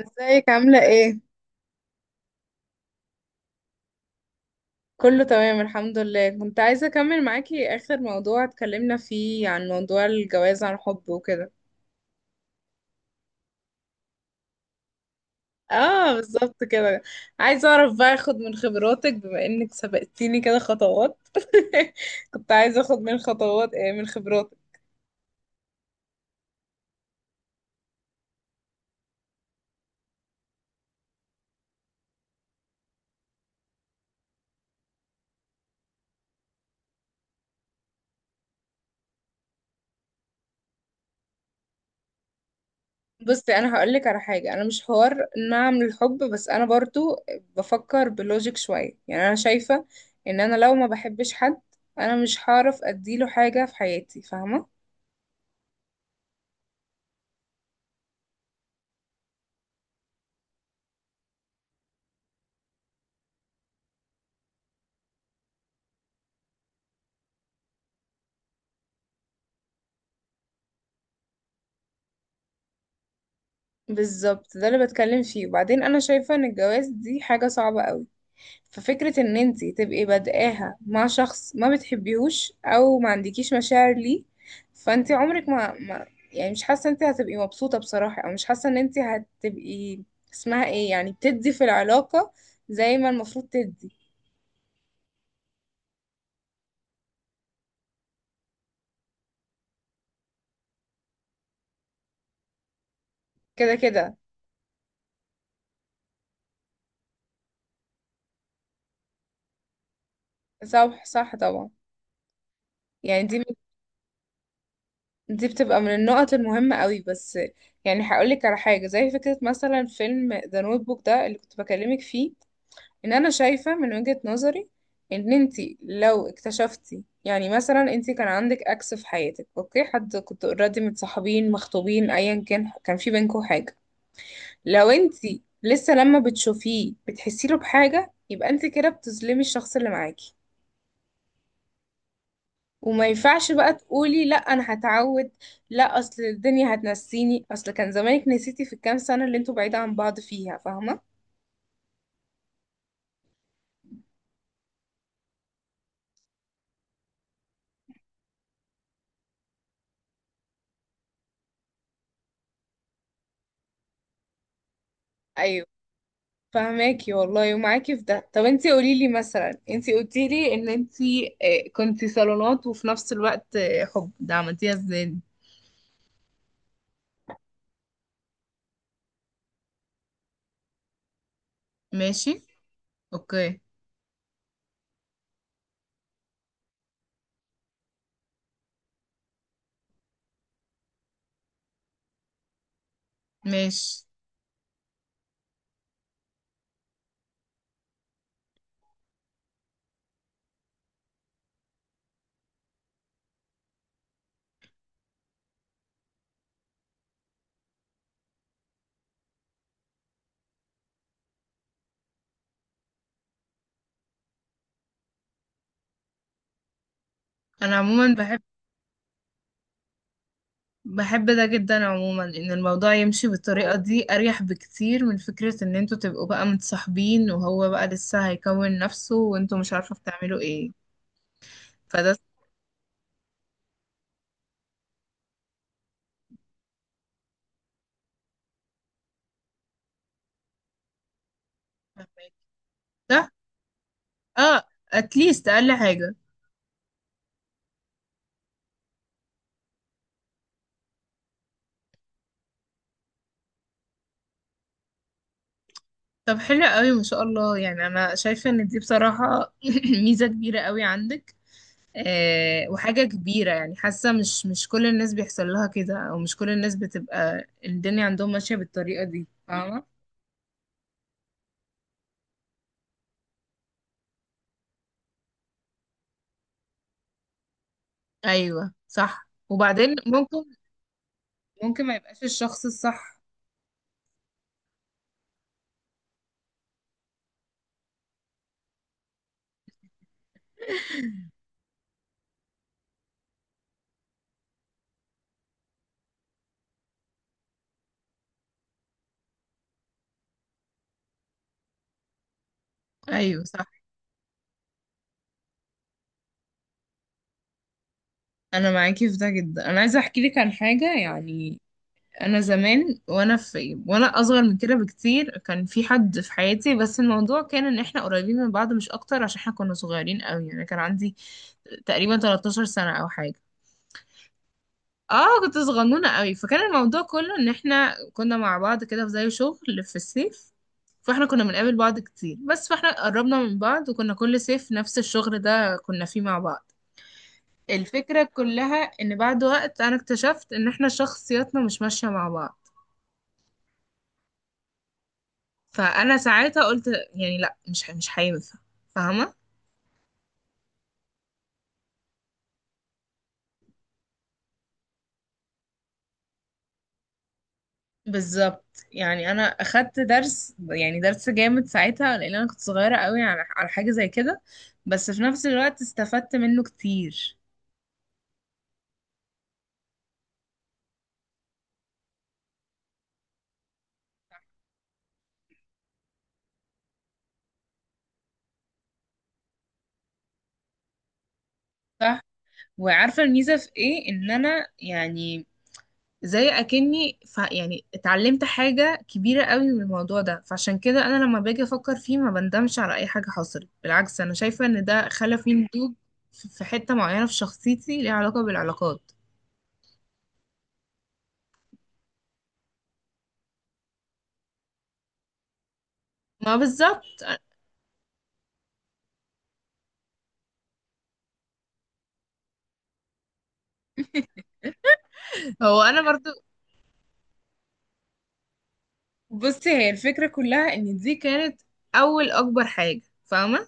ازيك عاملة ايه؟ كله تمام الحمد لله، كنت عايزة اكمل معاكي اخر موضوع اتكلمنا فيه عن موضوع الجواز عن حب وكده. اه بالظبط كده. عايزة اعرف بقى اخد من خبراتك بما انك سبقتيني كده خطوات. كنت عايزة اخد من خطوات ايه من خبراتك. بصي، انا هقولك على حاجة. انا مش حوار نعم للحب، بس انا برضو بفكر بلوجيك شوية. يعني انا شايفة ان انا لو ما بحبش حد، انا مش هعرف اديله حاجة في حياتي، فاهمة. بالظبط، ده اللي بتكلم فيه. وبعدين انا شايفة ان الجواز دي حاجة صعبة قوي. ففكرة ان انتي تبقي بادئاها مع شخص ما بتحبيهوش او ما عندكيش مشاعر ليه، فانتي عمرك ما يعني، مش حاسة انتي هتبقي مبسوطة بصراحة، او مش حاسة ان انتي هتبقي اسمها ايه، يعني بتدي في العلاقة زي ما المفروض تدي. كده كده صح، صح طبعا. يعني دي بتبقى من النقط المهمة قوي. بس يعني هقولك على حاجة، زي فكرة مثلا فيلم ذا نوت بوك ده اللي كنت بكلمك فيه، ان انا شايفة من وجهة نظري ان انتي لو اكتشفتي، يعني مثلا انتي كان عندك اكس في حياتك، اوكي، حد كنت اوريدي متصاحبين مخطوبين ايا كان، كان في بينكم حاجة، لو انتي لسه لما بتشوفيه بتحسي له بحاجة، يبقى انتي كده بتظلمي الشخص اللي معاكي. وما ينفعش بقى تقولي لا انا هتعود، لا اصل الدنيا هتنسيني، اصل كان زمانك نسيتي في الكام سنة اللي انتوا بعيدة عن بعض فيها، فاهمة. أيوة. فهماكي والله ومعاكي في ده. طب انتي قوليلي، مثلا انتي قلتيلي ان انتي كنتي صالونات وفي نفس الوقت حب، ده عملتيها ازاي؟ ماشي اوكي ماشي. انا عموما بحب ده جدا، عموما ان الموضوع يمشي بالطريقة دي اريح بكتير من فكرة ان انتوا تبقوا بقى متصاحبين وهو بقى لسه هيكون نفسه وانتوا مش عارفة بتعملوا ايه. فده صح؟ ده، اه اتليست اقل حاجة. طب حلو قوي ما شاء الله، يعني انا شايفه ان دي بصراحه ميزه كبيره قوي عندك. وحاجه كبيره، يعني حاسه مش كل الناس بيحصل لها كده، او مش كل الناس بتبقى الدنيا عندهم ماشيه بالطريقه دي، فاهمه. ايوه صح. وبعدين ممكن ما يبقاش الشخص الصح. ايوه صح. انا معاكي في ده جدا. انا عايزه احكي لك عن حاجه، يعني انا زمان وانا اصغر من كده بكتير كان في حد في حياتي، بس الموضوع كان ان احنا قريبين من بعض مش اكتر، عشان احنا كنا صغيرين قوي. يعني كان عندي تقريبا 13 سنة او حاجة. اه كنت صغنونة قوي. فكان الموضوع كله ان احنا كنا مع بعض كده في زي شغل في الصيف، فاحنا كنا بنقابل بعض كتير. بس فاحنا قربنا من بعض، وكنا كل صيف نفس الشغل ده كنا فيه مع بعض. الفكرة كلها ان بعد وقت انا اكتشفت ان احنا شخصياتنا مش ماشية مع بعض، فانا ساعتها قلت يعني لا، مش هينفع، فاهمه. بالظبط، يعني انا اخدت درس، يعني درس جامد ساعتها، لان انا كنت صغيره قوي على حاجه زي كده، بس في نفس الوقت استفدت منه كتير. صح. وعارفه الميزه في ايه ان انا يعني زي اكني يعني اتعلمت حاجه كبيره قوي من الموضوع ده، فعشان كده انا لما باجي افكر فيه ما بندمش على اي حاجه حصلت، بالعكس انا شايفه ان ده خلى فيه نضوج في حته معينه في شخصيتي ليها علاقه بالعلاقات. ما بالظبط. هو انا برضو بصي، هي الفكرة كلها ان دي كانت اول اكبر حاجة، فاهمة.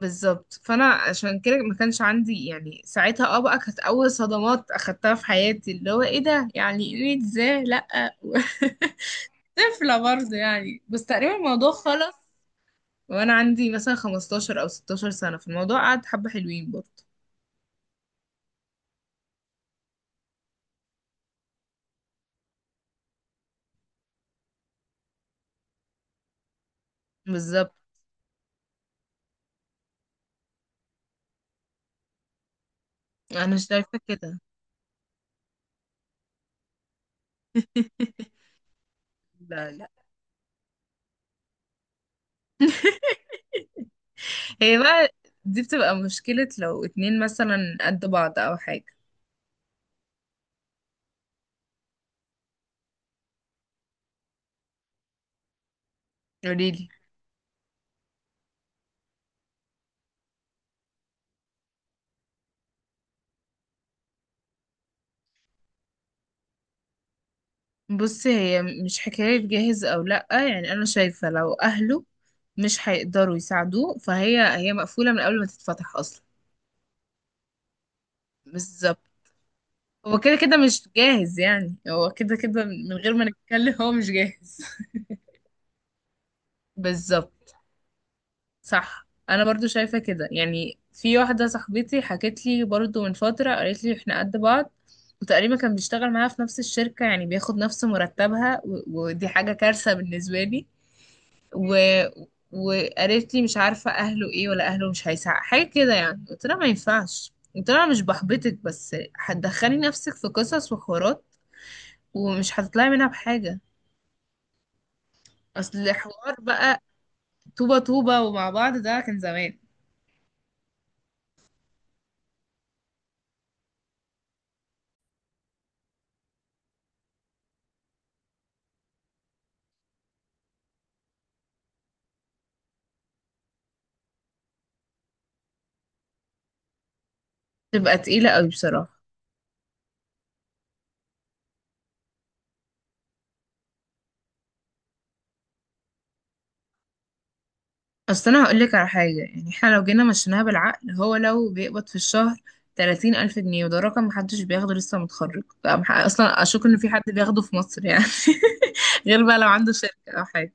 بالظبط. فانا عشان كده ما كانش عندي، يعني ساعتها بقى كانت اول صدمات اخدتها في حياتي، اللي هو ايه ده، يعني ايه ازاي لا. طفلة برضه يعني، بس تقريبا الموضوع خلص وانا عندي مثلا 15 او 16 سنة في الموضوع قعد حبة حلوين برضه. بالظبط. انا شايفة كده. لا لا. هي بقى دي بتبقى مشكلة لو اتنين مثلا قد بعض أو حاجة. قوليلي. بصي، هي مش حكاية جاهز أو لأ، يعني أنا شايفة لو أهله مش هيقدروا يساعدوه، فهي مقفولة من قبل ما تتفتح أصلا. بالظبط. هو كده كده مش جاهز، يعني هو كده كده من غير ما نتكلم هو مش جاهز. بالظبط. صح. انا برضو شايفة كده. يعني في واحدة صاحبتي حكت لي برضو من فترة، قالت لي احنا قد بعض، وتقريبا كان بيشتغل معاها في نفس الشركة يعني بياخد نفس مرتبها، ودي حاجة كارثة بالنسبة لي. و... وقالت لي مش عارفة اهله ايه، ولا اهله مش هيساعد حاجة كده. يعني قلت لها ما ينفعش، قلت لها مش بحبطك بس هتدخلي نفسك في قصص وحوارات، ومش هتطلعي منها بحاجة. اصل الحوار بقى طوبة طوبة ومع بعض ده كان زمان. تبقى تقيلة قوي بصراحة. اصل انا هقول لك على حاجه، يعني احنا لو جينا مشيناها بالعقل، هو لو بيقبض في الشهر 30 الف جنيه، وده رقم محدش بياخده لسه متخرج، اصلا اشك ان في حد بياخده في مصر يعني. غير بقى لو عنده شركه او حاجه.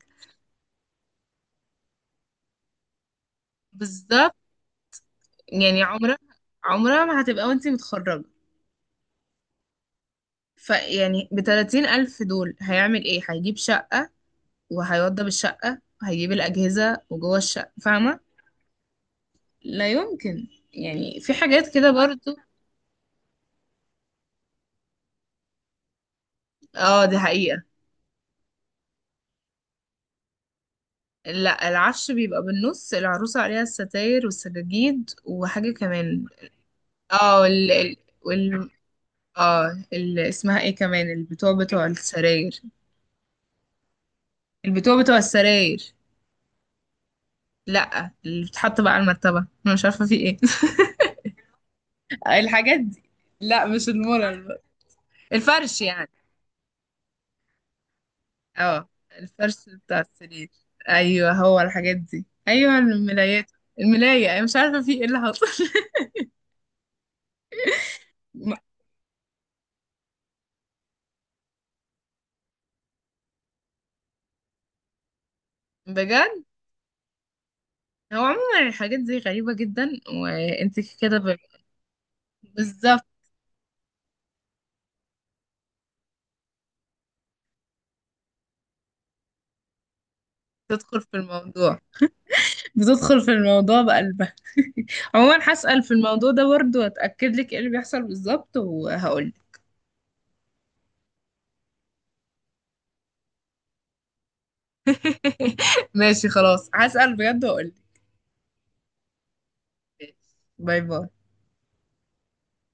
بالظبط. يعني عمرها ما هتبقى وانتي متخرجه. فيعني ب 30 الف دول هيعمل ايه؟ هيجيب شقه، وهيوضب الشقه، وهيجيب الاجهزه وجوه الشقه، فاهمه. لا يمكن. يعني في حاجات كده برضو. اه دي حقيقه. لا العفش بيبقى بالنص، العروسة عليها الستاير والسجاجيد وحاجة كمان. اه ال ال وال اه ال اسمها ايه كمان؟ البتوع بتوع السراير. البتوع بتوع السراير. لا اللي بتحط بقى على المرتبة. انا مش عارفة في ايه. الحاجات دي. لا مش المورال. الفرش يعني. اه الفرش بتاع السرير. ايوه هو الحاجات دي، ايوه الملايات. الملاية، انا مش عارفة في ايه اللي حصل. بجد. هو عموما الحاجات دي غريبة جدا. وانت كده ب- بالظبط. تدخل في الموضوع بتدخل في الموضوع بقلبها. عموما هسأل في الموضوع ده برضه واتأكد لك ايه اللي بيحصل بالظبط وهقول. ماشي خلاص هسأل بجد وهقول لك. باي باي.